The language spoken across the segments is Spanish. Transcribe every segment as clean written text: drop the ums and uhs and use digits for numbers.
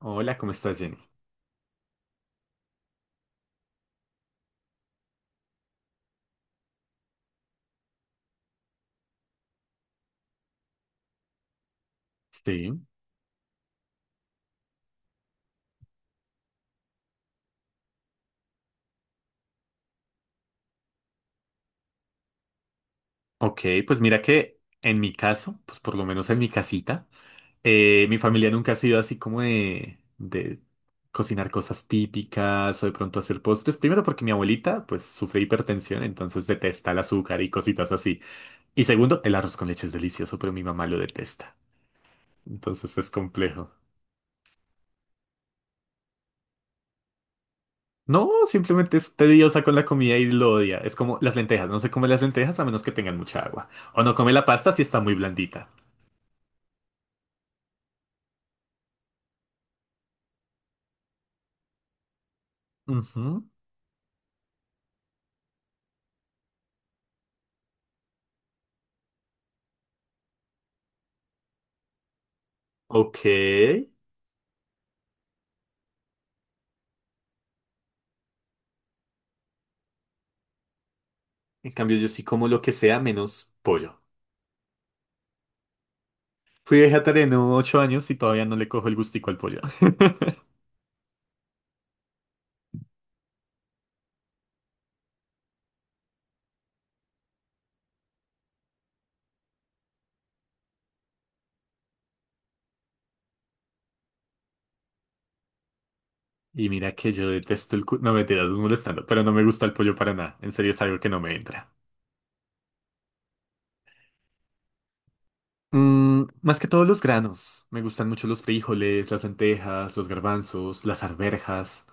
Hola, ¿cómo estás, Jenny? Sí. Ok, pues mira que en mi caso, pues por lo menos en mi casita, mi familia nunca ha sido así como de cocinar cosas típicas o de pronto hacer postres. Primero porque mi abuelita pues sufre hipertensión, entonces detesta el azúcar y cositas así. Y segundo, el arroz con leche es delicioso, pero mi mamá lo detesta. Entonces es complejo. No, simplemente es tediosa con la comida y lo odia. Es como las lentejas, no se come las lentejas a menos que tengan mucha agua. O no come la pasta si está muy blandita. Ujú. Ok. En cambio, yo sí como lo que sea menos pollo. Fui vegetariano 8 años y todavía no le cojo el gustico al pollo. Y mira que yo detesto el... cu- No, me tiras molestando, pero no me gusta el pollo para nada. En serio, es algo que no me entra. Mm, más que todos los granos. Me gustan mucho los frijoles, las lentejas, los garbanzos, las arvejas.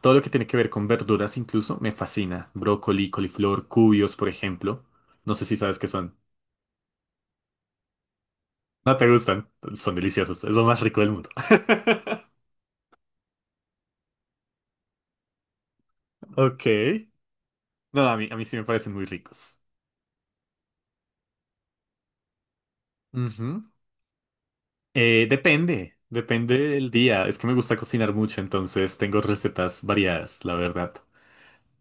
Todo lo que tiene que ver con verduras incluso me fascina. Brócoli, coliflor, cubios, por ejemplo. No sé si sabes qué son. No te gustan. Son deliciosos. Es lo más rico del mundo. Ok. No, a mí sí me parecen muy ricos. Ujú. Depende, depende del día. Es que me gusta cocinar mucho, entonces tengo recetas variadas, la verdad.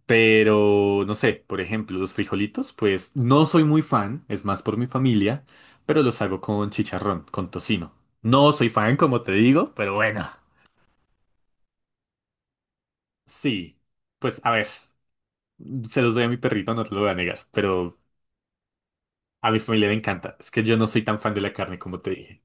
Pero no sé, por ejemplo, los frijolitos, pues no soy muy fan, es más por mi familia, pero los hago con chicharrón, con tocino. No soy fan, como te digo, pero bueno. Sí, pues a ver, se los doy a mi perrito, no te lo voy a negar, pero a mi familia le encanta. Es que yo no soy tan fan de la carne, como te dije.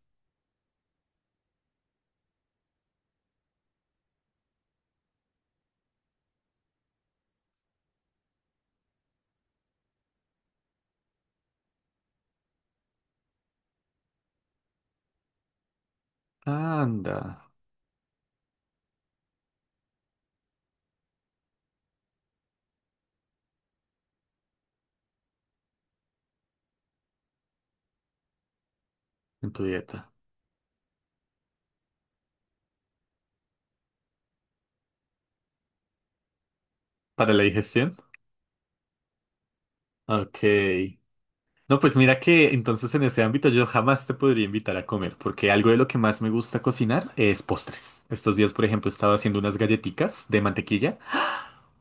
Anda. En tu dieta. ¿Para la digestión? Ok. No, pues mira que entonces en ese ámbito yo jamás te podría invitar a comer, porque algo de lo que más me gusta cocinar es postres. Estos días, por ejemplo, estaba haciendo unas galletitas de mantequilla,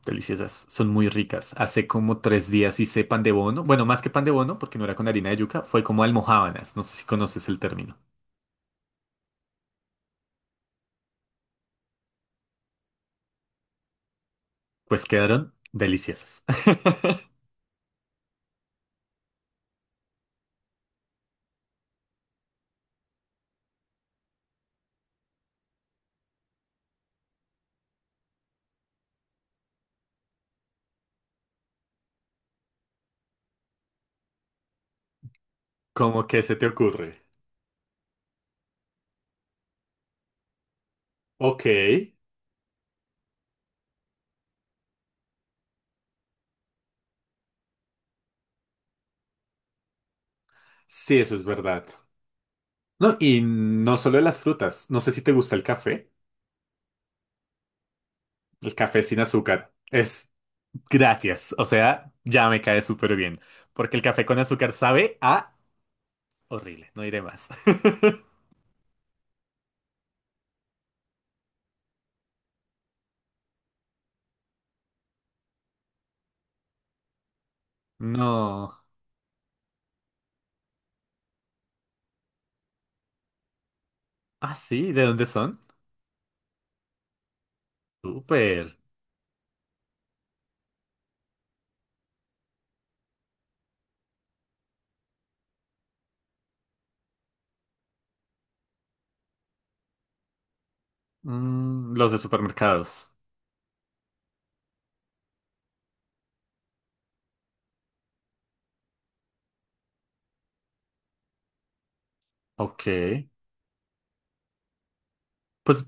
deliciosas, son muy ricas. Hace como 3 días hice pan de bono, bueno, más que pan de bono, porque no era con harina de yuca, fue como almojábanas, no sé si conoces el término. Pues quedaron deliciosas. ¿Cómo que se te ocurre? Ok, sí, eso es verdad. No, y no solo las frutas. No sé si te gusta el café. El café sin azúcar. Es gracias. O sea, ya me cae súper bien. Porque el café con azúcar sabe a horrible. No iré más. No. Ah, sí. ¿De dónde son? Súper. Mm, los de supermercados. Ok. Pues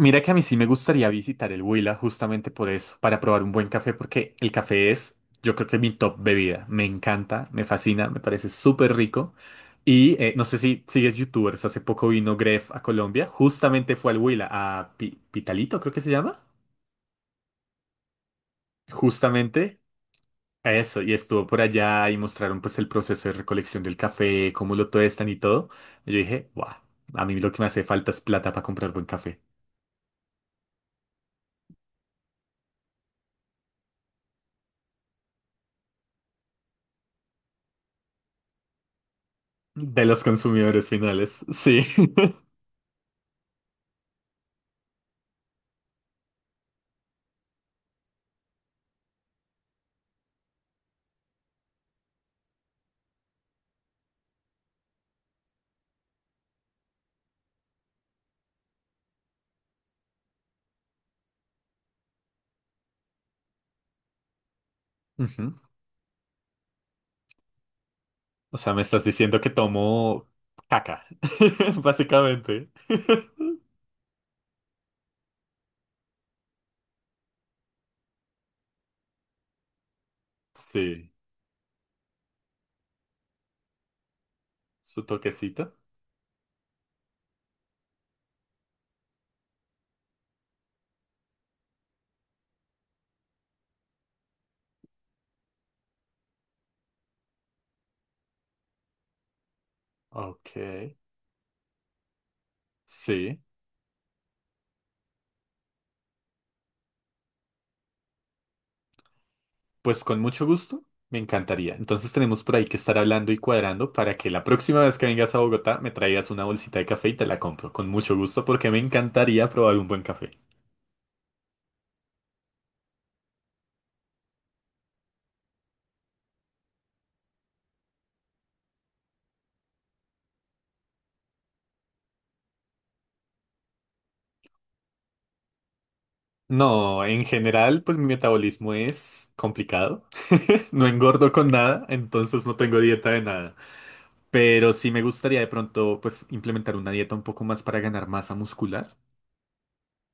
mira que a mí sí me gustaría visitar el Huila justamente por eso, para probar un buen café, porque el café es, yo creo que mi top bebida. Me encanta, me fascina, me parece súper rico. Y no sé si sigues youtubers, hace poco vino Gref a Colombia, justamente fue al Huila, a Pitalito creo que se llama, justamente a eso, y estuvo por allá y mostraron pues el proceso de recolección del café, cómo lo tuestan y todo. Y yo dije, guau, a mí lo que me hace falta es plata para comprar buen café. De los consumidores finales, sí. Ujú. O sea, me estás diciendo que tomo caca, básicamente. Sí, su toquecito. Ok, sí. Pues con mucho gusto, me encantaría. Entonces tenemos por ahí que estar hablando y cuadrando para que la próxima vez que vengas a Bogotá me traigas una bolsita de café y te la compro. Con mucho gusto porque me encantaría probar un buen café. No, en general, pues mi metabolismo es complicado. No engordo con nada, entonces no tengo dieta de nada. Pero sí me gustaría de pronto pues implementar una dieta un poco más para ganar masa muscular.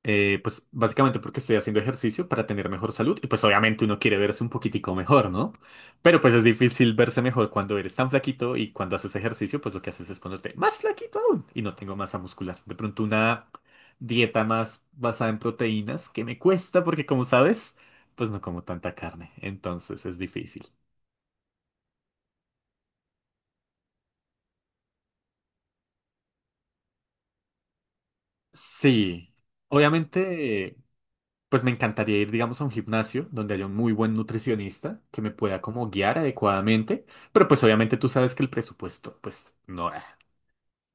Pues básicamente porque estoy haciendo ejercicio para tener mejor salud y pues obviamente uno quiere verse un poquitico mejor, ¿no? Pero pues es difícil verse mejor cuando eres tan flaquito y cuando haces ejercicio pues lo que haces es ponerte más flaquito aún y no tengo masa muscular. De pronto una dieta más basada en proteínas que me cuesta porque como sabes pues no como tanta carne, entonces es difícil. Sí, obviamente... Pues me encantaría ir, digamos, a un gimnasio donde haya un muy buen nutricionista que me pueda como guiar adecuadamente, pero pues obviamente tú sabes que el presupuesto, pues no da.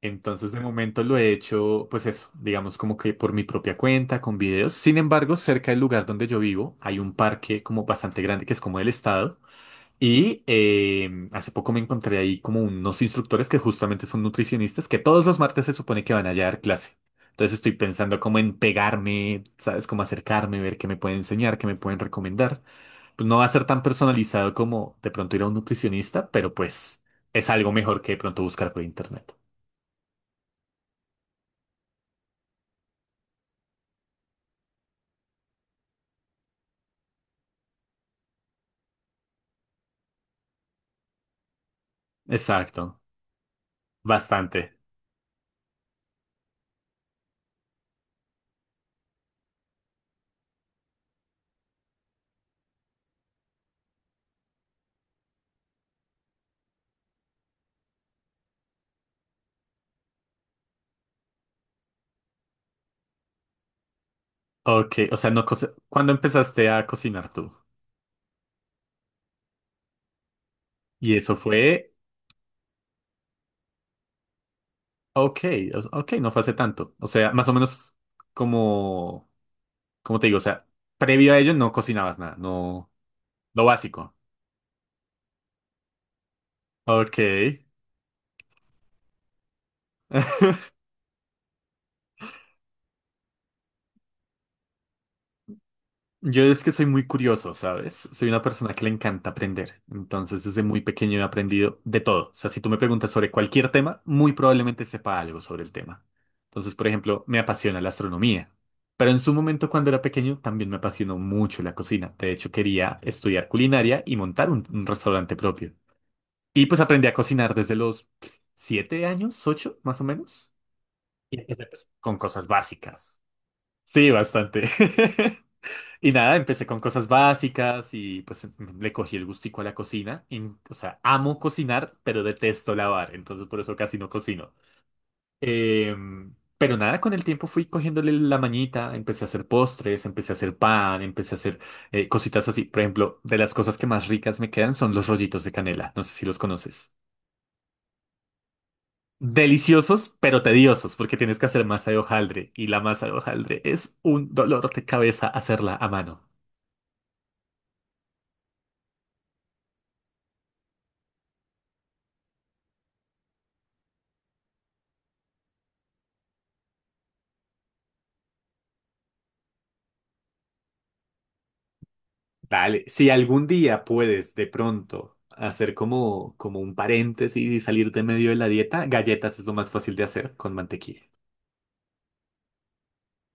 Entonces de momento lo he hecho, pues eso, digamos como que por mi propia cuenta, con videos. Sin embargo, cerca del lugar donde yo vivo hay un parque como bastante grande que es como del estado y hace poco me encontré ahí como unos instructores que justamente son nutricionistas que todos los martes se supone que van a dar clase. Entonces estoy pensando como en pegarme, ¿sabes? Cómo acercarme, ver qué me pueden enseñar, qué me pueden recomendar. Pues no va a ser tan personalizado como de pronto ir a un nutricionista, pero pues es algo mejor que de pronto buscar por internet. Exacto, bastante. Ok, o sea, no cosa- ¿Cuándo empezaste a cocinar tú? Y eso fue, ok, o- ok, no fue hace tanto. O sea, más o menos como como te digo, o sea, previo a ello no cocinabas nada, no, lo básico. Ok. Yo es que soy muy curioso, ¿sabes? Soy una persona que le encanta aprender. Entonces, desde muy pequeño he aprendido de todo. O sea, si tú me preguntas sobre cualquier tema, muy probablemente sepa algo sobre el tema. Entonces, por ejemplo, me apasiona la astronomía. Pero en su momento, cuando era pequeño, también me apasionó mucho la cocina. De hecho, quería estudiar culinaria y montar un restaurante propio. Y pues aprendí a cocinar desde los pff, 7 años, 8, más o menos. Y empecé pues, con cosas básicas. Sí, bastante. Y nada, empecé con cosas básicas y pues le cogí el gustico a la cocina. Y, o sea, amo cocinar, pero detesto lavar, entonces por eso casi no cocino. Pero nada, con el tiempo fui cogiéndole la mañita, empecé a hacer postres, empecé a hacer pan, empecé a hacer cositas así. Por ejemplo, de las cosas que más ricas me quedan son los rollitos de canela. No sé si los conoces. Deliciosos, pero tediosos, porque tienes que hacer masa de hojaldre y la masa de hojaldre es un dolor de cabeza hacerla a mano. Dale, si algún día puedes de pronto hacer como un paréntesis y salir de medio de la dieta, galletas es lo más fácil de hacer con mantequilla.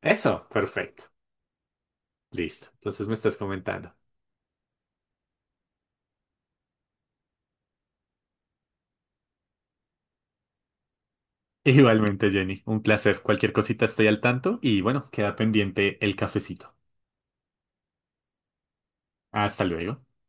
Eso, perfecto. Listo. Entonces me estás comentando. Igualmente, Jenny, un placer. Cualquier cosita estoy al tanto y bueno, queda pendiente el cafecito. Hasta luego.